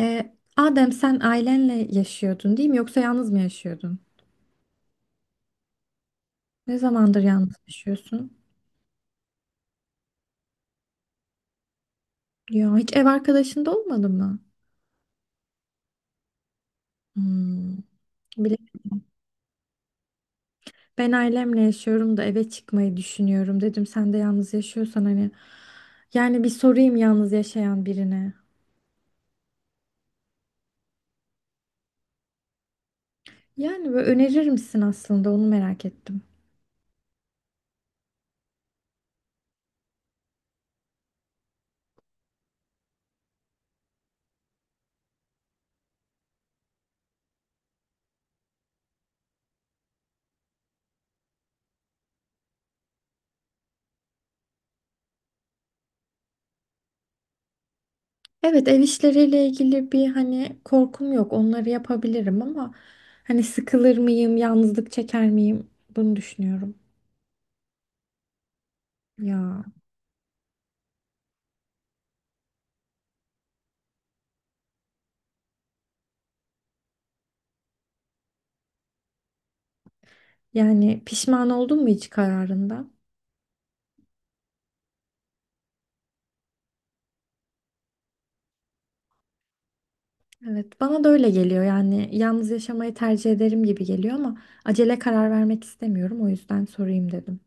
Ee, Adem, sen ailenle yaşıyordun değil mi? Yoksa yalnız mı yaşıyordun? Ne zamandır yalnız yaşıyorsun? Ya hiç ev arkadaşın da olmadı mı? Hmm. Bile ben ailemle yaşıyorum da eve çıkmayı düşünüyorum dedim. Sen de yalnız yaşıyorsan hani yani bir sorayım yalnız yaşayan birine. Yani böyle önerir misin, aslında onu merak ettim. Evet, ev işleriyle ilgili bir hani korkum yok. Onları yapabilirim ama hani sıkılır mıyım, yalnızlık çeker miyim? Bunu düşünüyorum. Ya. Yani pişman oldun mu hiç kararında? Evet, bana da öyle geliyor. Yani yalnız yaşamayı tercih ederim gibi geliyor ama acele karar vermek istemiyorum. O yüzden sorayım dedim.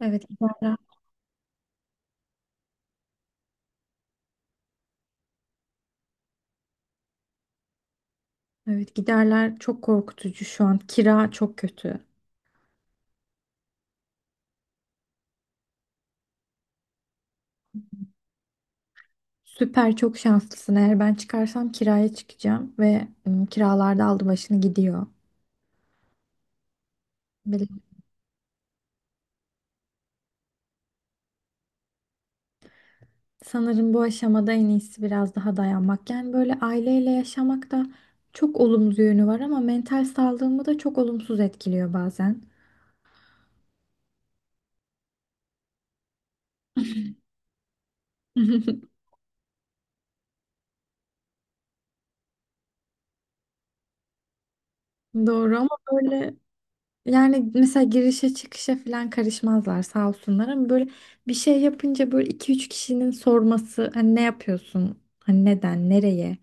Evet, giderler. Evet, giderler çok korkutucu şu an. Kira çok kötü. Süper, çok şanslısın. Eğer ben çıkarsam kiraya çıkacağım ve kiralarda aldı başını gidiyor. Sanırım bu aşamada en iyisi biraz daha dayanmak. Yani böyle aileyle yaşamak da çok olumlu yönü var ama mental sağlığımı da çok olumsuz etkiliyor bazen. Doğru ama böyle. Yani mesela girişe çıkışa falan karışmazlar sağ olsunlar ama böyle bir şey yapınca böyle iki üç kişinin sorması, hani ne yapıyorsun? Hani neden? Nereye?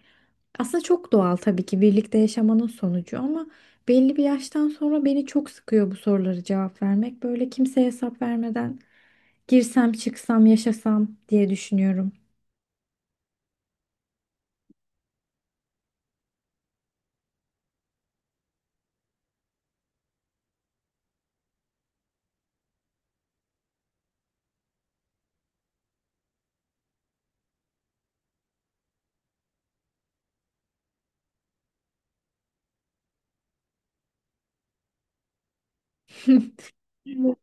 Aslında çok doğal tabii ki, birlikte yaşamanın sonucu ama belli bir yaştan sonra beni çok sıkıyor bu soruları cevap vermek. Böyle kimseye hesap vermeden girsem, çıksam, yaşasam diye düşünüyorum. Evet.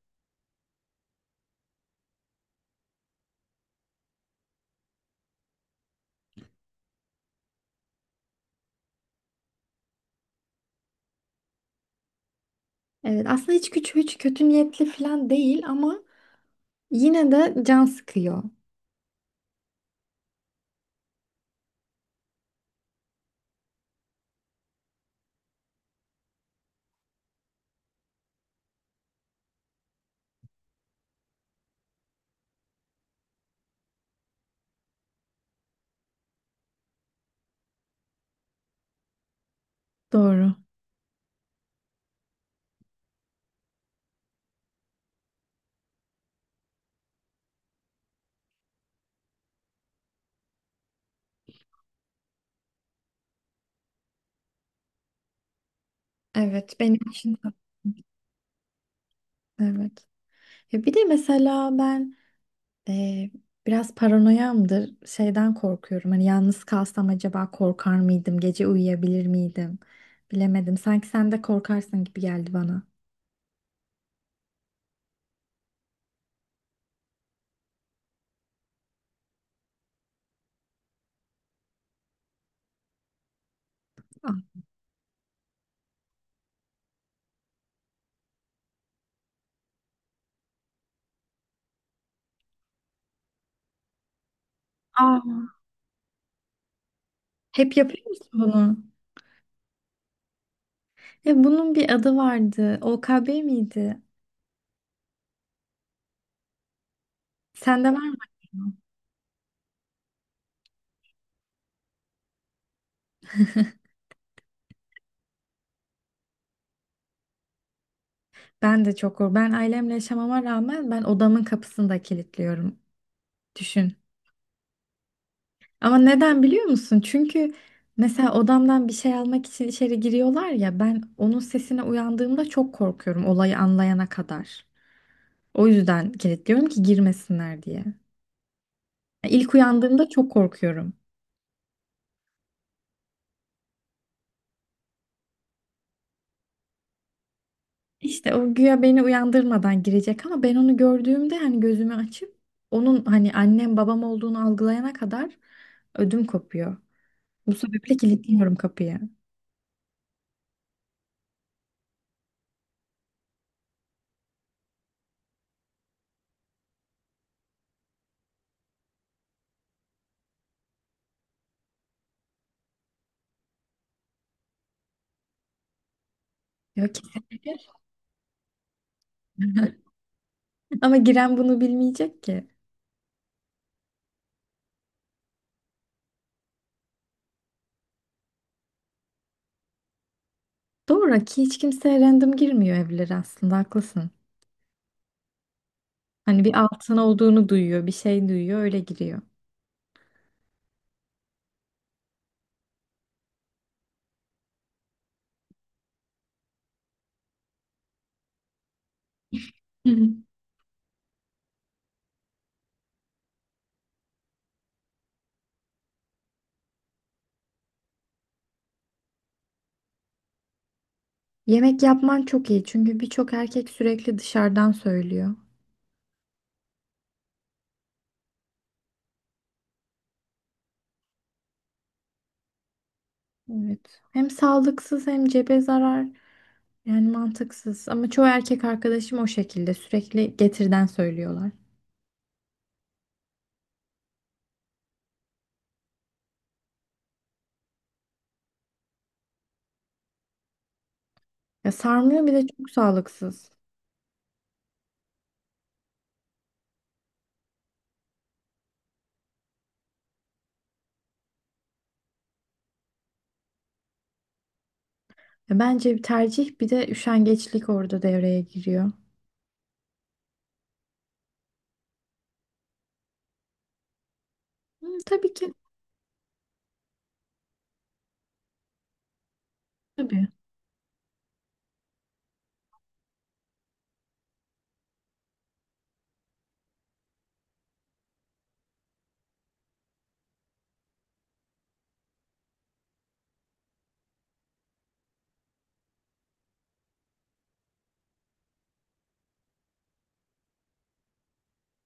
Evet, aslında hiç küçük, hiç kötü niyetli falan değil ama yine de can sıkıyor. Doğru. Evet, benim için de. Evet. Ya bir de mesela ben eee, biraz paranoyamdır. Şeyden korkuyorum. Hani yalnız kalsam acaba korkar mıydım? Gece uyuyabilir miydim? Bilemedim. Sanki sen de korkarsın gibi geldi bana. Aa. Hep yapıyor musun bunu? Ya bunun bir adı vardı. OKB miydi? Sende var mı? Ben de çok korkuyorum. Ben ailemle yaşamama rağmen ben odamın kapısını da kilitliyorum. Düşün. Ama neden biliyor musun? Çünkü mesela odamdan bir şey almak için içeri giriyorlar ya, ben onun sesine uyandığımda çok korkuyorum olayı anlayana kadar. O yüzden kilitliyorum ki girmesinler diye. İlk uyandığımda çok korkuyorum. İşte o güya beni uyandırmadan girecek ama ben onu gördüğümde hani gözümü açıp onun hani annem babam olduğunu algılayana kadar ödüm kopuyor. Bu sebeple kilitliyorum kapıyı. Ya kesinlikle. Ama giren bunu bilmeyecek ki. Doğru ki hiç kimse random girmiyor evlere, aslında haklısın. Hani bir altın olduğunu duyuyor, bir şey duyuyor, öyle giriyor. Hı hı. Yemek yapman çok iyi çünkü birçok erkek sürekli dışarıdan söylüyor. Evet. Hem sağlıksız hem cebe zarar. Yani mantıksız. Ama çoğu erkek arkadaşım o şekilde sürekli getirden söylüyorlar. Ya sarmıyor, bir de çok sağlıksız. Ya bence bir tercih, bir de üşengeçlik orada devreye giriyor. Hı, tabii ki. Tabii.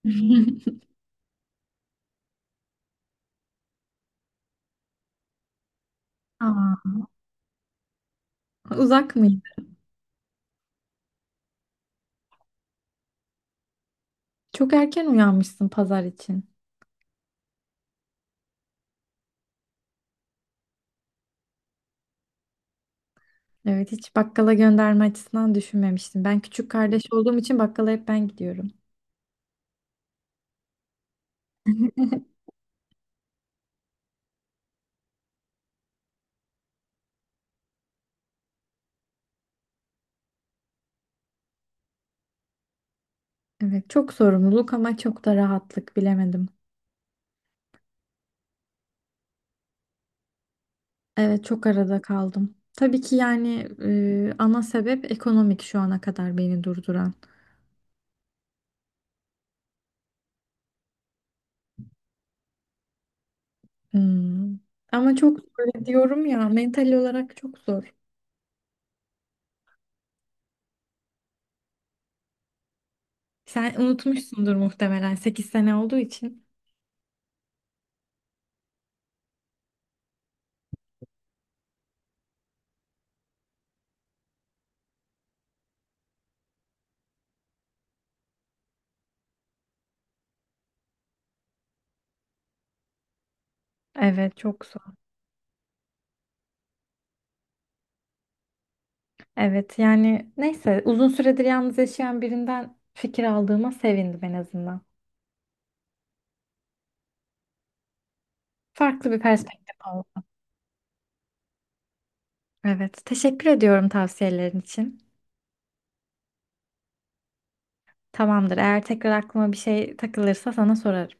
Aa, uzak mıydı? Çok erken uyanmışsın pazar için. Evet, hiç bakkala gönderme açısından düşünmemiştim. Ben küçük kardeş olduğum için bakkala hep ben gidiyorum. Evet, çok sorumluluk ama çok da rahatlık, bilemedim. Evet, çok arada kaldım. Tabii ki yani ana sebep ekonomik şu ana kadar beni durduran. Hmm. Ama çok zor diyorum ya, mental olarak çok zor. Sen unutmuşsundur muhtemelen 8 sene olduğu için. Evet, çok zor. Evet yani neyse, uzun süredir yalnız yaşayan birinden fikir aldığıma sevindim en azından. Farklı bir perspektif oldu. Evet, teşekkür ediyorum tavsiyelerin için. Tamamdır, eğer tekrar aklıma bir şey takılırsa sana sorarım.